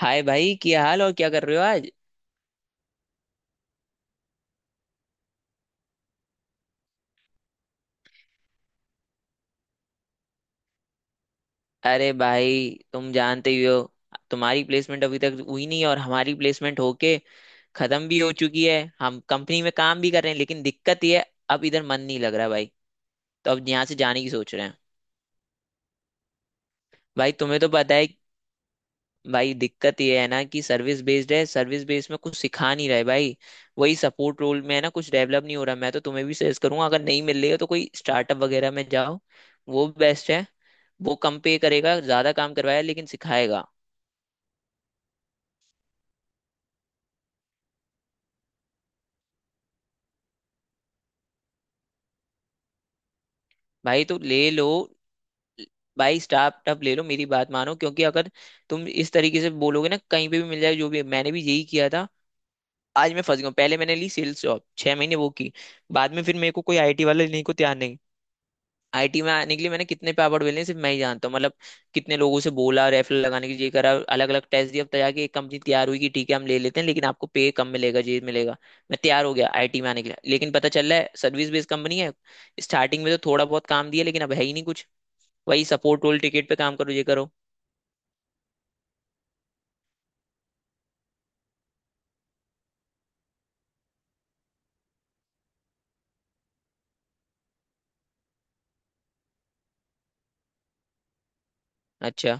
हाय भाई, क्या हाल और क्या कर रहे हो आज। अरे भाई, तुम जानते ही हो। तुम्हारी प्लेसमेंट अभी तक हुई नहीं और हमारी प्लेसमेंट होके खत्म भी हो चुकी है। हम कंपनी में काम भी कर रहे हैं, लेकिन दिक्कत ये है, अब इधर मन नहीं लग रहा भाई। तो अब यहाँ से जाने की सोच रहे हैं। भाई, तुम्हें तो पता है। भाई, दिक्कत ये है ना कि सर्विस बेस्ड है। सर्विस बेस्ड में कुछ सिखा नहीं रहे भाई। वही सपोर्ट रोल में है ना, कुछ डेवलप नहीं हो रहा। मैं तो तुम्हें भी सजेस्ट करूंगा, अगर नहीं मिल रही है तो कोई स्टार्टअप वगैरह में जाओ। वो बेस्ट है। वो कम पे करेगा, ज्यादा काम करवाएगा, लेकिन सिखाएगा। भाई, तो ले लो। भाई, स्टार्टअप ले लो, मेरी बात मानो। क्योंकि अगर तुम इस तरीके से बोलोगे ना कहीं पे भी मिल जाए, जो भी, मैंने भी यही किया था। आज मैं फंस गया हूं। पहले मैंने ली सेल्स जॉब, 6 महीने वो की। बाद में फिर मेरे को कोई आईटी वाला लेने को तैयार नहीं। आईटी में आने के लिए मैंने कितने पे अवार्ड मिले हैं, सिर्फ मैं ही जानता हूँ। मतलब, कितने लोगों से बोला रेफरल लगाने के लिए, करा, अलग अलग टेस्ट दिया। अब जाके एक कंपनी तैयार हुई कि ठीक है हम ले लेते हैं, लेकिन आपको पे कम मिलेगा, ये मिलेगा। मैं तैयार हो गया आईटी में आने के लिए, लेकिन पता चल रहा है सर्विस बेस्ड कंपनी है। स्टार्टिंग में तो थोड़ा बहुत काम दिया, लेकिन अब है ही नहीं कुछ। वही सपोर्ट रोल, टिकट पे काम करो, ये करो। अच्छा।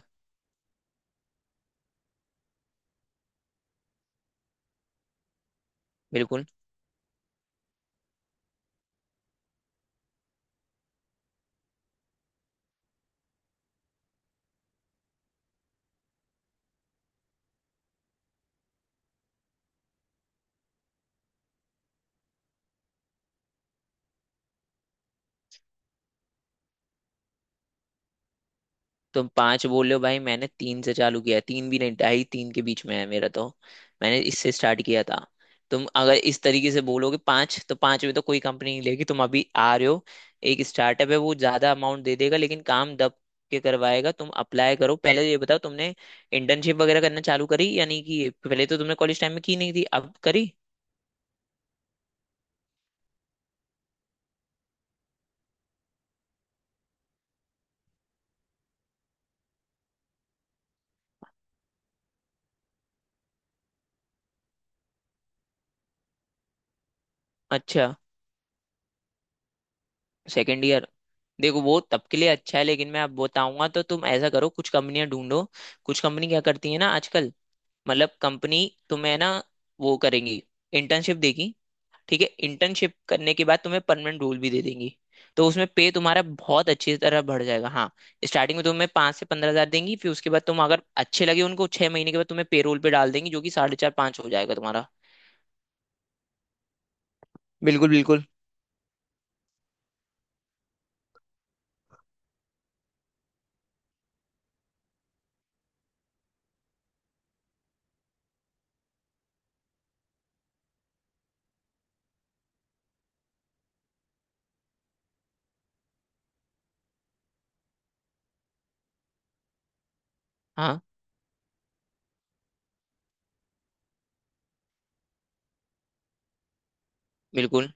बिल्कुल। तुम पांच बोल रहे हो भाई, मैंने तीन से चालू किया है, तीन भी नहीं, ढाई तीन के बीच में है मेरा तो। मैंने इससे स्टार्ट किया था। तुम अगर इस तरीके से बोलोगे पांच, तो पांच में तो कोई कंपनी नहीं लेगी, तुम अभी आ रहे हो। एक स्टार्टअप है, वो ज्यादा अमाउंट दे देगा, लेकिन काम दब के करवाएगा। तुम अप्लाई करो। पहले ये बताओ, तुमने इंटर्नशिप वगैरह करना चालू करी या नहीं की। पहले तो तुमने कॉलेज टाइम में की नहीं थी, अब करी। अच्छा। Second year. देखो, वो तब के लिए अच्छा है, लेकिन मैं अब बताऊंगा तो तुम ऐसा करो, कुछ कंपनियां ढूंढो। कुछ कंपनी क्या करती है ना आजकल, मतलब कंपनी तुम्हें ना, वो करेंगी, इंटर्नशिप देगी। ठीक है, इंटर्नशिप करने के बाद तुम्हें परमानेंट रोल भी दे देंगी। तो उसमें पे तुम्हारा बहुत अच्छी तरह बढ़ जाएगा। हाँ, स्टार्टिंग में तुम्हें 5 से 15 हजार देंगी, फिर उसके बाद तुम अगर अच्छे लगे उनको, 6 महीने के बाद तुम्हें पे रोल पे डाल देंगी, जो कि साढ़े चार पाँच हो जाएगा तुम्हारा। बिल्कुल बिल्कुल। हाँ, बिल्कुल।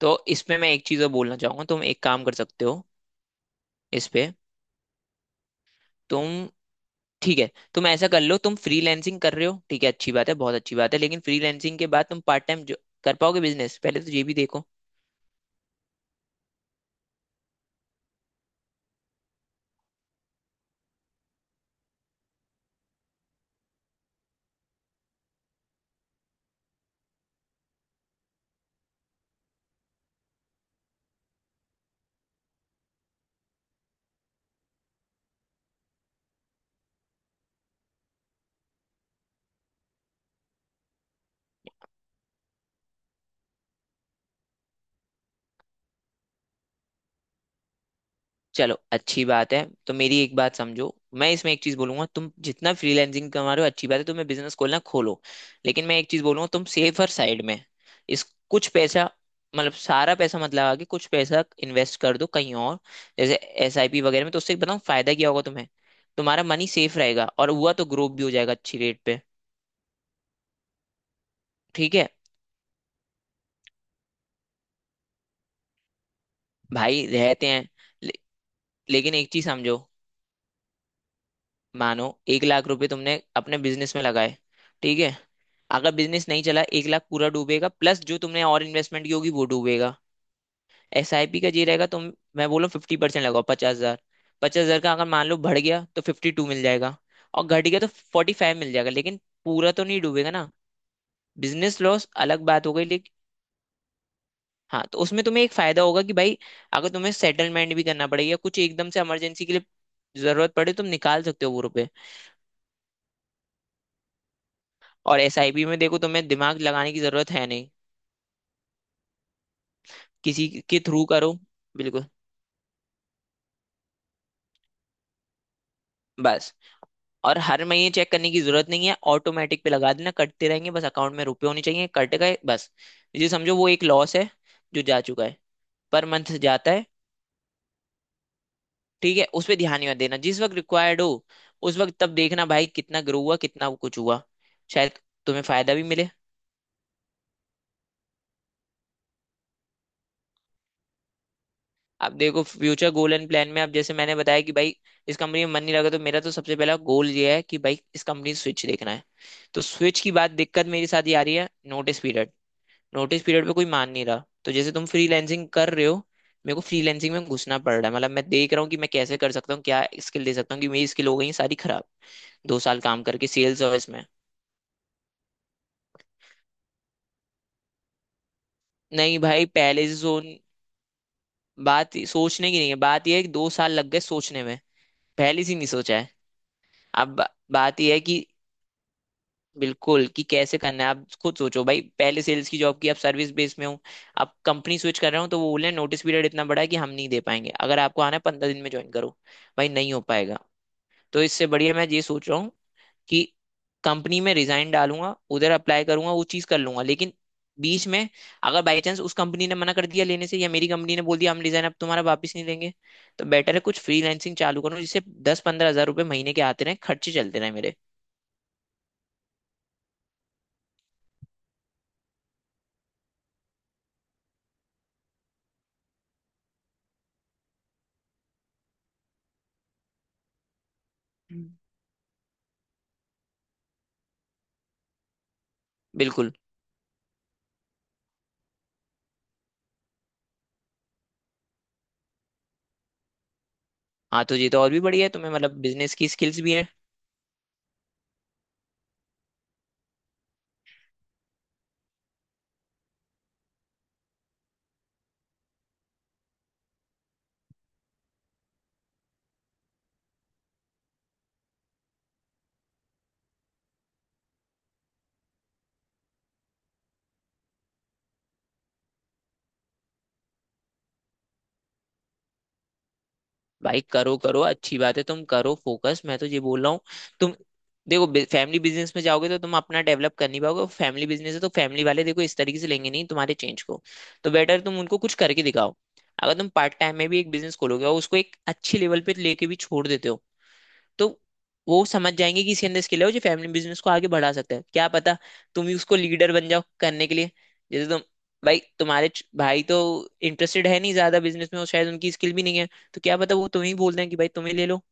तो इसमें मैं एक चीज और बोलना चाहूंगा, तुम एक काम कर सकते हो इस पे। तुम, ठीक है, तुम ऐसा कर लो, तुम फ्रीलैंसिंग कर रहे हो, ठीक है, अच्छी बात है, बहुत अच्छी बात है, लेकिन फ्रीलैंसिंग के बाद तुम पार्ट टाइम कर पाओगे बिजनेस, पहले तो ये भी देखो। चलो अच्छी बात है, तो मेरी एक बात समझो। मैं इसमें एक चीज बोलूंगा, तुम जितना फ्रीलैंसिंग कमा रहे हो, अच्छी बात है, तुम्हें बिजनेस खोलना खोलो, लेकिन मैं एक चीज बोलूंगा, तुम सेफर साइड में इस, कुछ पैसा, मतलब सारा पैसा मत लगा के कुछ पैसा इन्वेस्ट कर दो कहीं और, जैसे एसआईपी वगैरह में। तो उससे बताऊँ फायदा क्या होगा तुम्हें, तुम्हारा मनी सेफ रहेगा और हुआ तो ग्रोथ भी हो जाएगा अच्छी रेट पे। ठीक है, भाई रहते हैं, ले, लेकिन एक चीज समझो। मानो 1 लाख रुपए तुमने अपने बिजनेस में लगाए, ठीक है। अगर बिजनेस नहीं चला, 1 लाख पूरा डूबेगा, प्लस जो तुमने और इन्वेस्टमेंट की होगी वो डूबेगा। एसआईपी का ये रहेगा, तुम, मैं बोलूँ, 50% लगाओ, 50 हजार। 50 हजार का अगर मान लो बढ़ गया तो 52 मिल जाएगा, और घट गया तो 45 मिल जाएगा, लेकिन पूरा तो नहीं डूबेगा ना। बिजनेस लॉस अलग बात हो गई। हाँ, तो उसमें तुम्हें एक फायदा होगा कि भाई, अगर तुम्हें सेटलमेंट भी करना पड़ेगा, कुछ एकदम से इमरजेंसी के लिए जरूरत पड़े, तुम निकाल सकते हो वो रुपए। और एसआईपी में देखो, तुम्हें दिमाग लगाने की जरूरत है नहीं, किसी के थ्रू करो। बिल्कुल। बस, और हर महीने चेक करने की जरूरत नहीं है, ऑटोमेटिक पे लगा देना, कटते रहेंगे, बस अकाउंट में रुपए होने चाहिए, कट गए, बस। ये समझो, वो एक लॉस है जो जा चुका है, पर मंथ जाता है। ठीक है, उस पर ध्यान ही मत देना। जिस वक्त रिक्वायर्ड हो, उस वक्त तब देखना भाई कितना ग्रो हुआ, कितना कुछ हुआ। शायद तुम्हें फायदा भी मिले। आप देखो, फ्यूचर गोल एंड प्लान में आप, जैसे मैंने बताया कि भाई इस कंपनी में मन नहीं लगा, तो मेरा तो सबसे पहला गोल ये है कि भाई इस कंपनी स्विच देखना है। तो स्विच की बात, दिक्कत मेरे साथ ये आ रही है नोटिस पीरियड। नोटिस पीरियड पे कोई मान नहीं रहा, तो जैसे तुम फ्रीलैंसिंग कर रहे हो, मेरे को फ्रीलैंसिंग में घुसना पड़ रहा है। मतलब मैं देख रहा हूँ कि मैं कैसे कर सकता हूँ, क्या स्किल दे सकता हूँ, कि मेरी स्किल हो गई है सारी खराब, 2 साल काम करके सेल्स और इसमें। नहीं भाई, पहले से सोच, बात सोचने की नहीं है, बात यह है कि 2 साल लग गए सोचने में, पहले से ही नहीं सोचा है। अब बा- बात यह है कि, बिल्कुल, कि कैसे करना है। आप खुद सोचो भाई, पहले सेल्स की जॉब की, आप सर्विस बेस में हो, आप कंपनी स्विच कर रहे हो, तो वो बोले नोटिस पीरियड इतना बड़ा है कि हम नहीं दे पाएंगे, अगर आपको आना है 15 दिन में ज्वाइन करो। भाई नहीं हो पाएगा। तो इससे बढ़िया मैं ये सोच रहा हूँ कि कंपनी में रिजाइन डालूंगा, उधर अप्लाई करूंगा, वो चीज कर लूंगा, लेकिन बीच में अगर बाई चांस उस कंपनी ने मना कर दिया लेने से, या मेरी कंपनी ने बोल दिया हम रिजाइन, अब तुम्हारा वापस नहीं लेंगे, तो बेटर है कुछ फ्रीलांसिंग चालू करो, जिससे 10-15 हजार रुपये महीने के आते रहे, खर्चे चलते रहे मेरे। हम्म। बिल्कुल। हाँ, तो ये तो और भी बढ़िया है, तुम्हें मतलब बिजनेस की स्किल्स भी है। भाई करो करो, अच्छी बात है, तुम करो फोकस। मैं तो ये बोल रहा हूँ, तुम देखो, फैमिली बिजनेस में जाओगे तो तुम अपना डेवलप कर नहीं पाओगे। फैमिली बिजनेस है, तो फैमिली वाले देखो इस तरीके से लेंगे नहीं तुम्हारे चेंज को। तो बेटर तुम उनको कुछ करके दिखाओ। अगर तुम पार्ट टाइम में भी एक बिजनेस खोलोगे और उसको एक अच्छे लेवल पे लेके भी छोड़ देते हो, तो वो समझ जाएंगे कि इसके अंदर स्किल है, और जो फैमिली बिजनेस को आगे बढ़ा सकता है, क्या पता तुम ही उसको लीडर बन जाओ करने के लिए। जैसे तुम, भाई तो इंटरेस्टेड है नहीं ज्यादा बिजनेस में, और शायद उनकी स्किल भी नहीं है। तो क्या पता वो तुम्हें ही बोल दें कि भाई तुम्हें ले लो।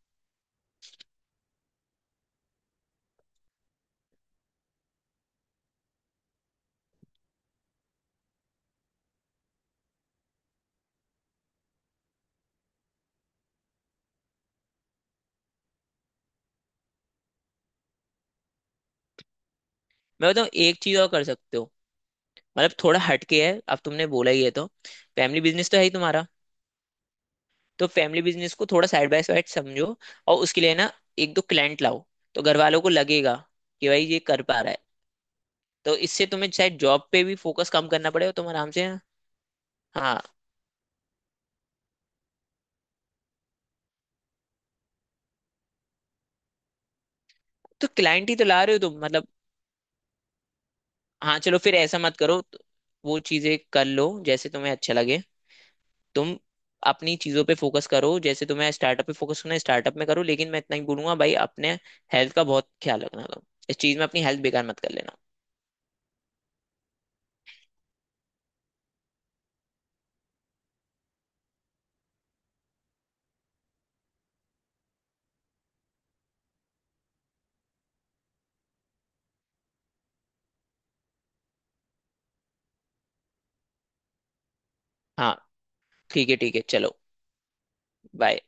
मैं बताऊँ, एक चीज और कर सकते हो। मतलब थोड़ा हटके है, अब तुमने बोला ही है तो, फैमिली बिजनेस तो है ही तुम्हारा, तो फैमिली बिजनेस को थोड़ा साइड बाय साइड समझो, और उसके लिए ना एक दो क्लाइंट लाओ, तो घर वालों को लगेगा कि भाई ये कर पा रहा है, तो इससे तुम्हें शायद जॉब पे भी फोकस कम करना पड़ेगा, तुम आराम से। हाँ, तो क्लाइंट ही तो ला रहे हो तुम मतलब। हाँ चलो, फिर ऐसा मत करो तो, वो चीजें कर लो जैसे तुम्हें अच्छा लगे। तुम अपनी चीजों पे फोकस करो, जैसे तुम्हें स्टार्टअप पे फोकस करना है स्टार्टअप में करो, लेकिन मैं इतना ही बोलूंगा भाई, अपने हेल्थ का बहुत ख्याल रखना तुम, इस चीज में अपनी हेल्थ बेकार मत कर लेना। हाँ, ठीक है ठीक है, चलो, बाय।